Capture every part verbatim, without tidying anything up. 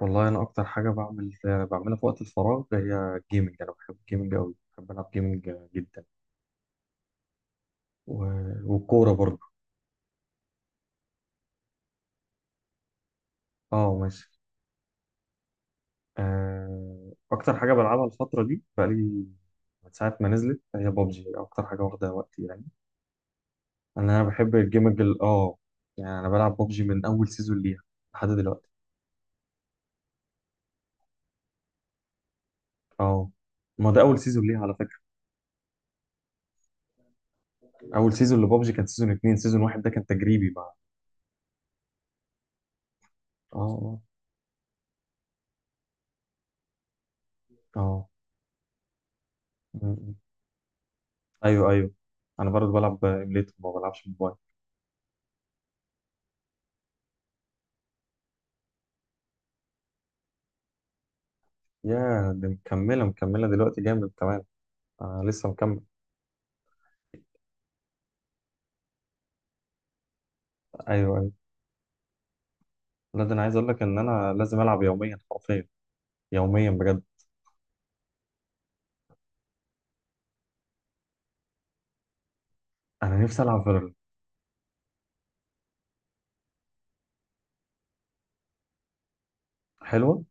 والله انا اكتر حاجه بعمل بعملها في وقت الفراغ هي الجيمنج. انا بحب الجيمنج قوي، بحب العب جيمنج جدا و... والكوره برضه. اه، ماشي. آه، اكتر حاجه بلعبها الفتره دي بقالي من ساعه ما نزلت هي بابجي، اكتر حاجه واخده وقتي يعني. انا أنا بحب الجيمنج ال- اه يعني. انا بلعب بابجي من اول سيزون ليها لحد دلوقتي. اه، ما ده اول سيزون ليها على فكره. اول سيزون لبابجي كان سيزون اتنين، سيزون واحد ده كان تجريبي مع. اه. اه. آه. ايوه، ايوه، انا برضه بلعب ايميليتور، ما بلعبش موبايل. يا دي مكمله مكمله دلوقتي جامد كمان. آه، لسه مكمل. ايوه ايوه. لا، ده انا عايز اقول لك ان انا لازم العب يوميا حرفيا، يوميا بجد. انا نفسي العب فالورنت. حلوه.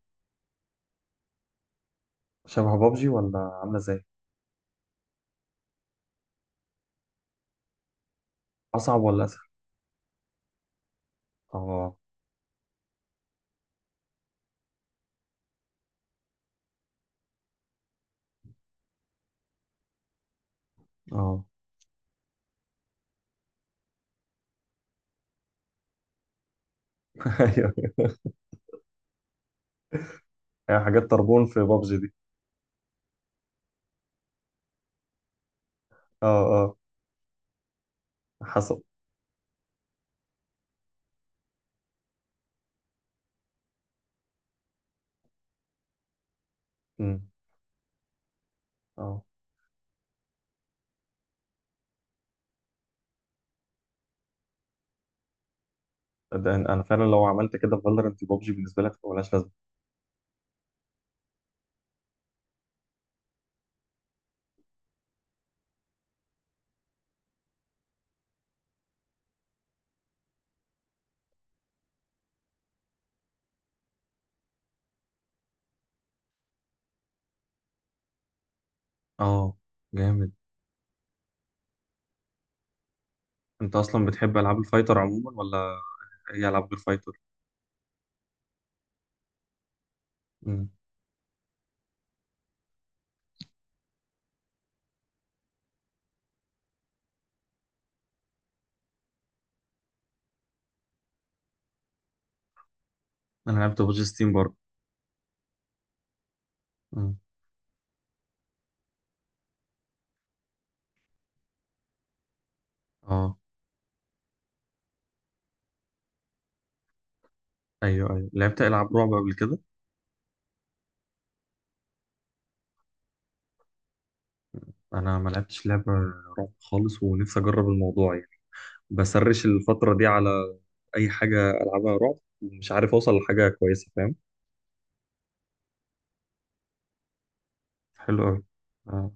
شبه بابجي ولا عامله ازاي؟ اصعب ولا اسهل؟ اه. اه. ايوه، هي حاجات طربون في بابجي دي. اه. اه. حصل. امم. اه، ده انا أنا فعلا لو عملت كده في فالورنت، بابجي بالنسبه لك ملهاش لازمه. اه، جامد. انت اصلا بتحب العاب الفايتر عموما ولا يلعب غير فايتر؟ مم. انا لعبت بوج ستيم برضه. مم. اه، ايوه ايوه، لعبت العاب رعب قبل كده. انا ما لعبتش لعبه رعب خالص، ونفسي اجرب الموضوع يعني. بسرش الفتره دي على اي حاجه العبها رعب، ومش عارف اوصل لحاجه كويسه، فاهم. حلو قوي. آه.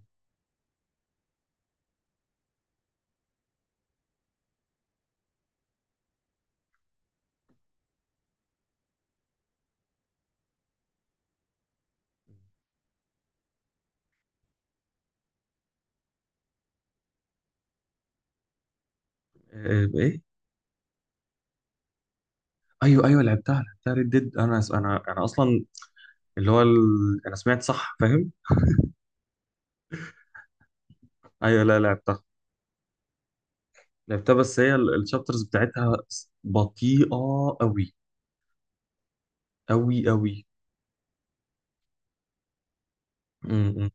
ايه؟ إيه؟ ايوه ايوه، لعبتها لعبتها ريد ديد. انا انا انا اصلا اللي هو ال... انا سمعت صح، فاهم. ايوه، لا لعبتها، لعبتها، بس هي ال- الشابترز بتاعتها بطيئه قوي. قوي قوي. امم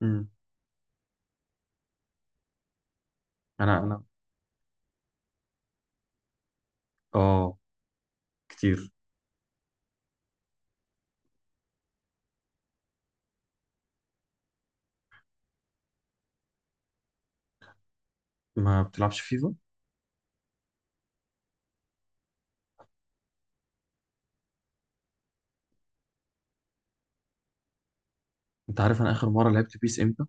مم. انا انا اه كتير. ما بتلعبش فيفا؟ انت عارف انا اخر مره لعبت بيس امتى؟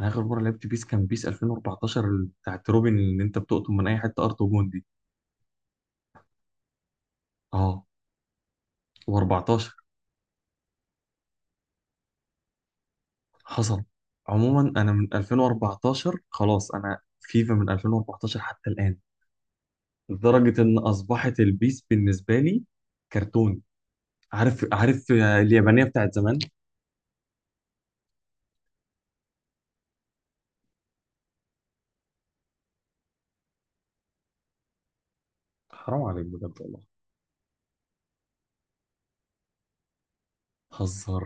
انا اخر مره لعبت بيس كان بيس الفين واربعتاشر، ال- بتاعت روبن اللي انت بتقطم من اي حته ارض وجون دي. اه، و14. حصل. عموما انا من الفين واربعتاشر خلاص، انا فيفا من الفين واربعتاشر حتى الان، لدرجه ان اصبحت البيس بالنسبه لي كرتون. عارف، عارف، اليابانيه بتاعت زمان. حرام عليك بجد، والله. هزر.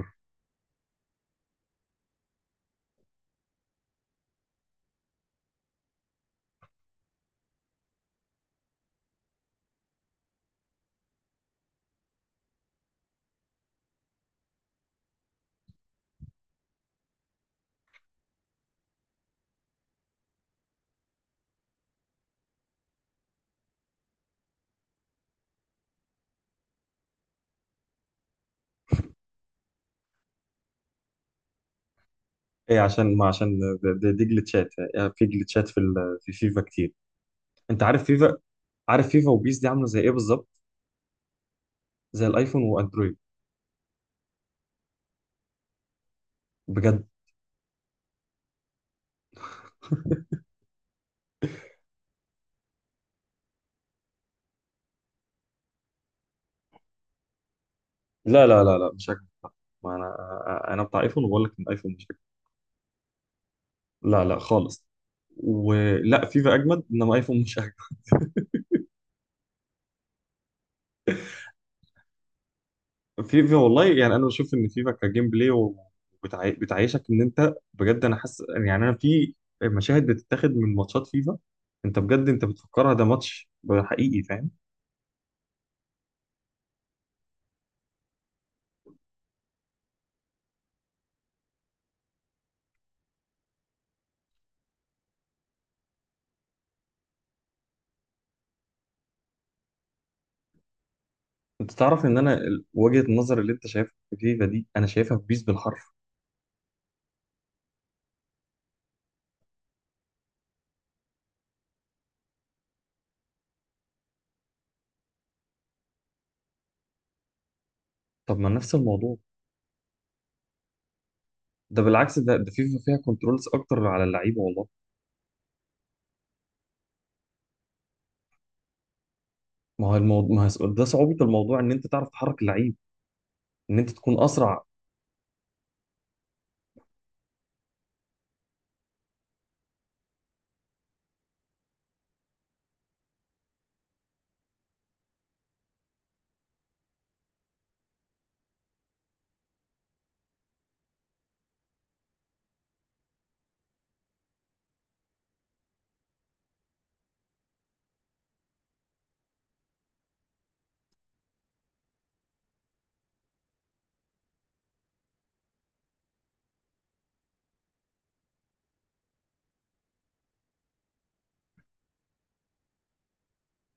ايه، عشان ما عشان دي, دي جلتشات يعني، في جلتشات في ال- في فيفا كتير. انت عارف فيفا عارف فيفا وبيس دي عامله زي ايه بالظبط؟ زي الايفون واندرويد. بجد. لا لا لا لا، مش هكذب. ما انا انا بتاع ايفون، وبقول لك ان الايفون مش هكذب. لا لا، خالص. ولا فيفا اجمد، انما ايفون مش اجمد. فيفا والله، يعني انا بشوف ان فيفا كجيم بلاي وبتعي... بتعيشك ان انت بجد. انا حاسس يعني انا في مشاهد بتتاخد من ماتشات فيفا، انت بجد انت بتفكرها ده ماتش حقيقي، فاهم. انت تعرف ان انا ال- وجهة النظر اللي انت شايفها في فيفا دي انا شايفها في بيس بالحرف. طب ما نفس الموضوع. ده بالعكس، ده ده فيفا فيها كنترولز اكتر على اللعيبه والله. ما هو الموضوع ما هو ده صعوبه الموضوع، ان انت تعرف تحرك اللعيب، ان انت تكون اسرع.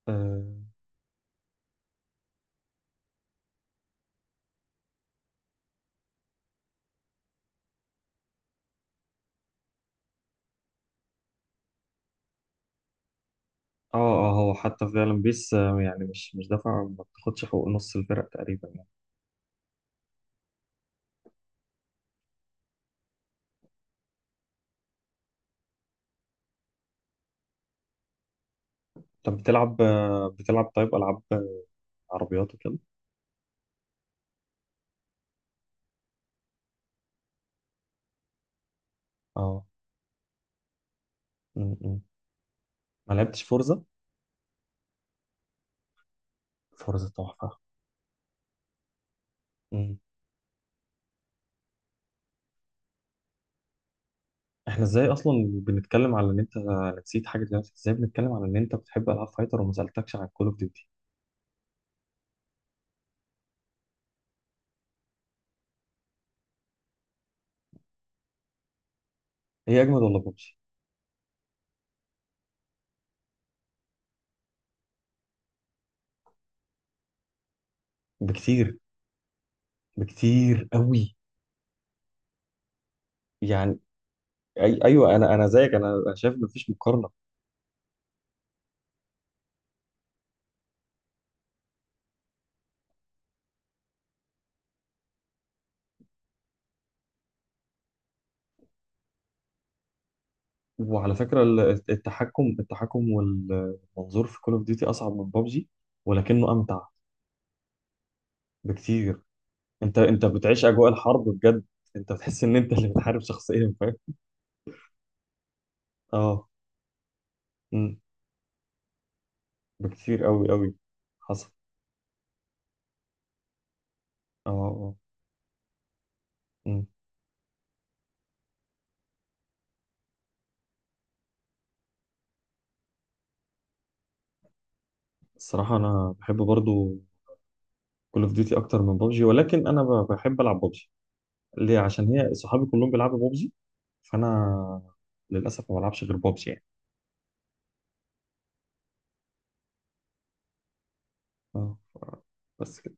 اه. اه. آه، هو حتى فعلا بيس آه، يعني مش مش دافع، ما بتاخدش حقوق نص الفرق تقريبا يعني. طب بتلعب آه، بتلعب طيب العاب آه، عربيات وكده. اه. م- م. ما لعبتش فورزا. فورزا تحفه. احنا ازاي اصلا بنتكلم على ان انت، نسيت حاجه دلوقتي، ازاي بنتكلم على ان انت بتحب العاب فايتر وما سالتكش عن كول اوف ديوتي؟ هي اجمد ولا ببجي؟ بكتير. بكتير قوي. يعني. أي... ايوه، انا انا زيك، انا أنا شايف مفيش مقارنه. وعلى فكره، ال- التحكم التحكم والمنظور في كول اوف ديوتي اصعب من ببجي، ولكنه امتع. بكتير انت انت بتعيش اجواء الحرب بجد، انت بتحس ان انت اللي بتحارب شخصيا، فاهم. اه. أمم. بكتير قوي قوي. حصل. اه. اه. إمم. الصراحة، أنا بحب برضو كول أوف ديوتي أكتر من بابجي، ولكن أنا ب- بحب ألعب بابجي. ليه؟ عشان هي صحابي كلهم بيلعبوا بابجي، فأنا للأسف ما بلعبش غير بابجي يعني. آه، ف- بس كده.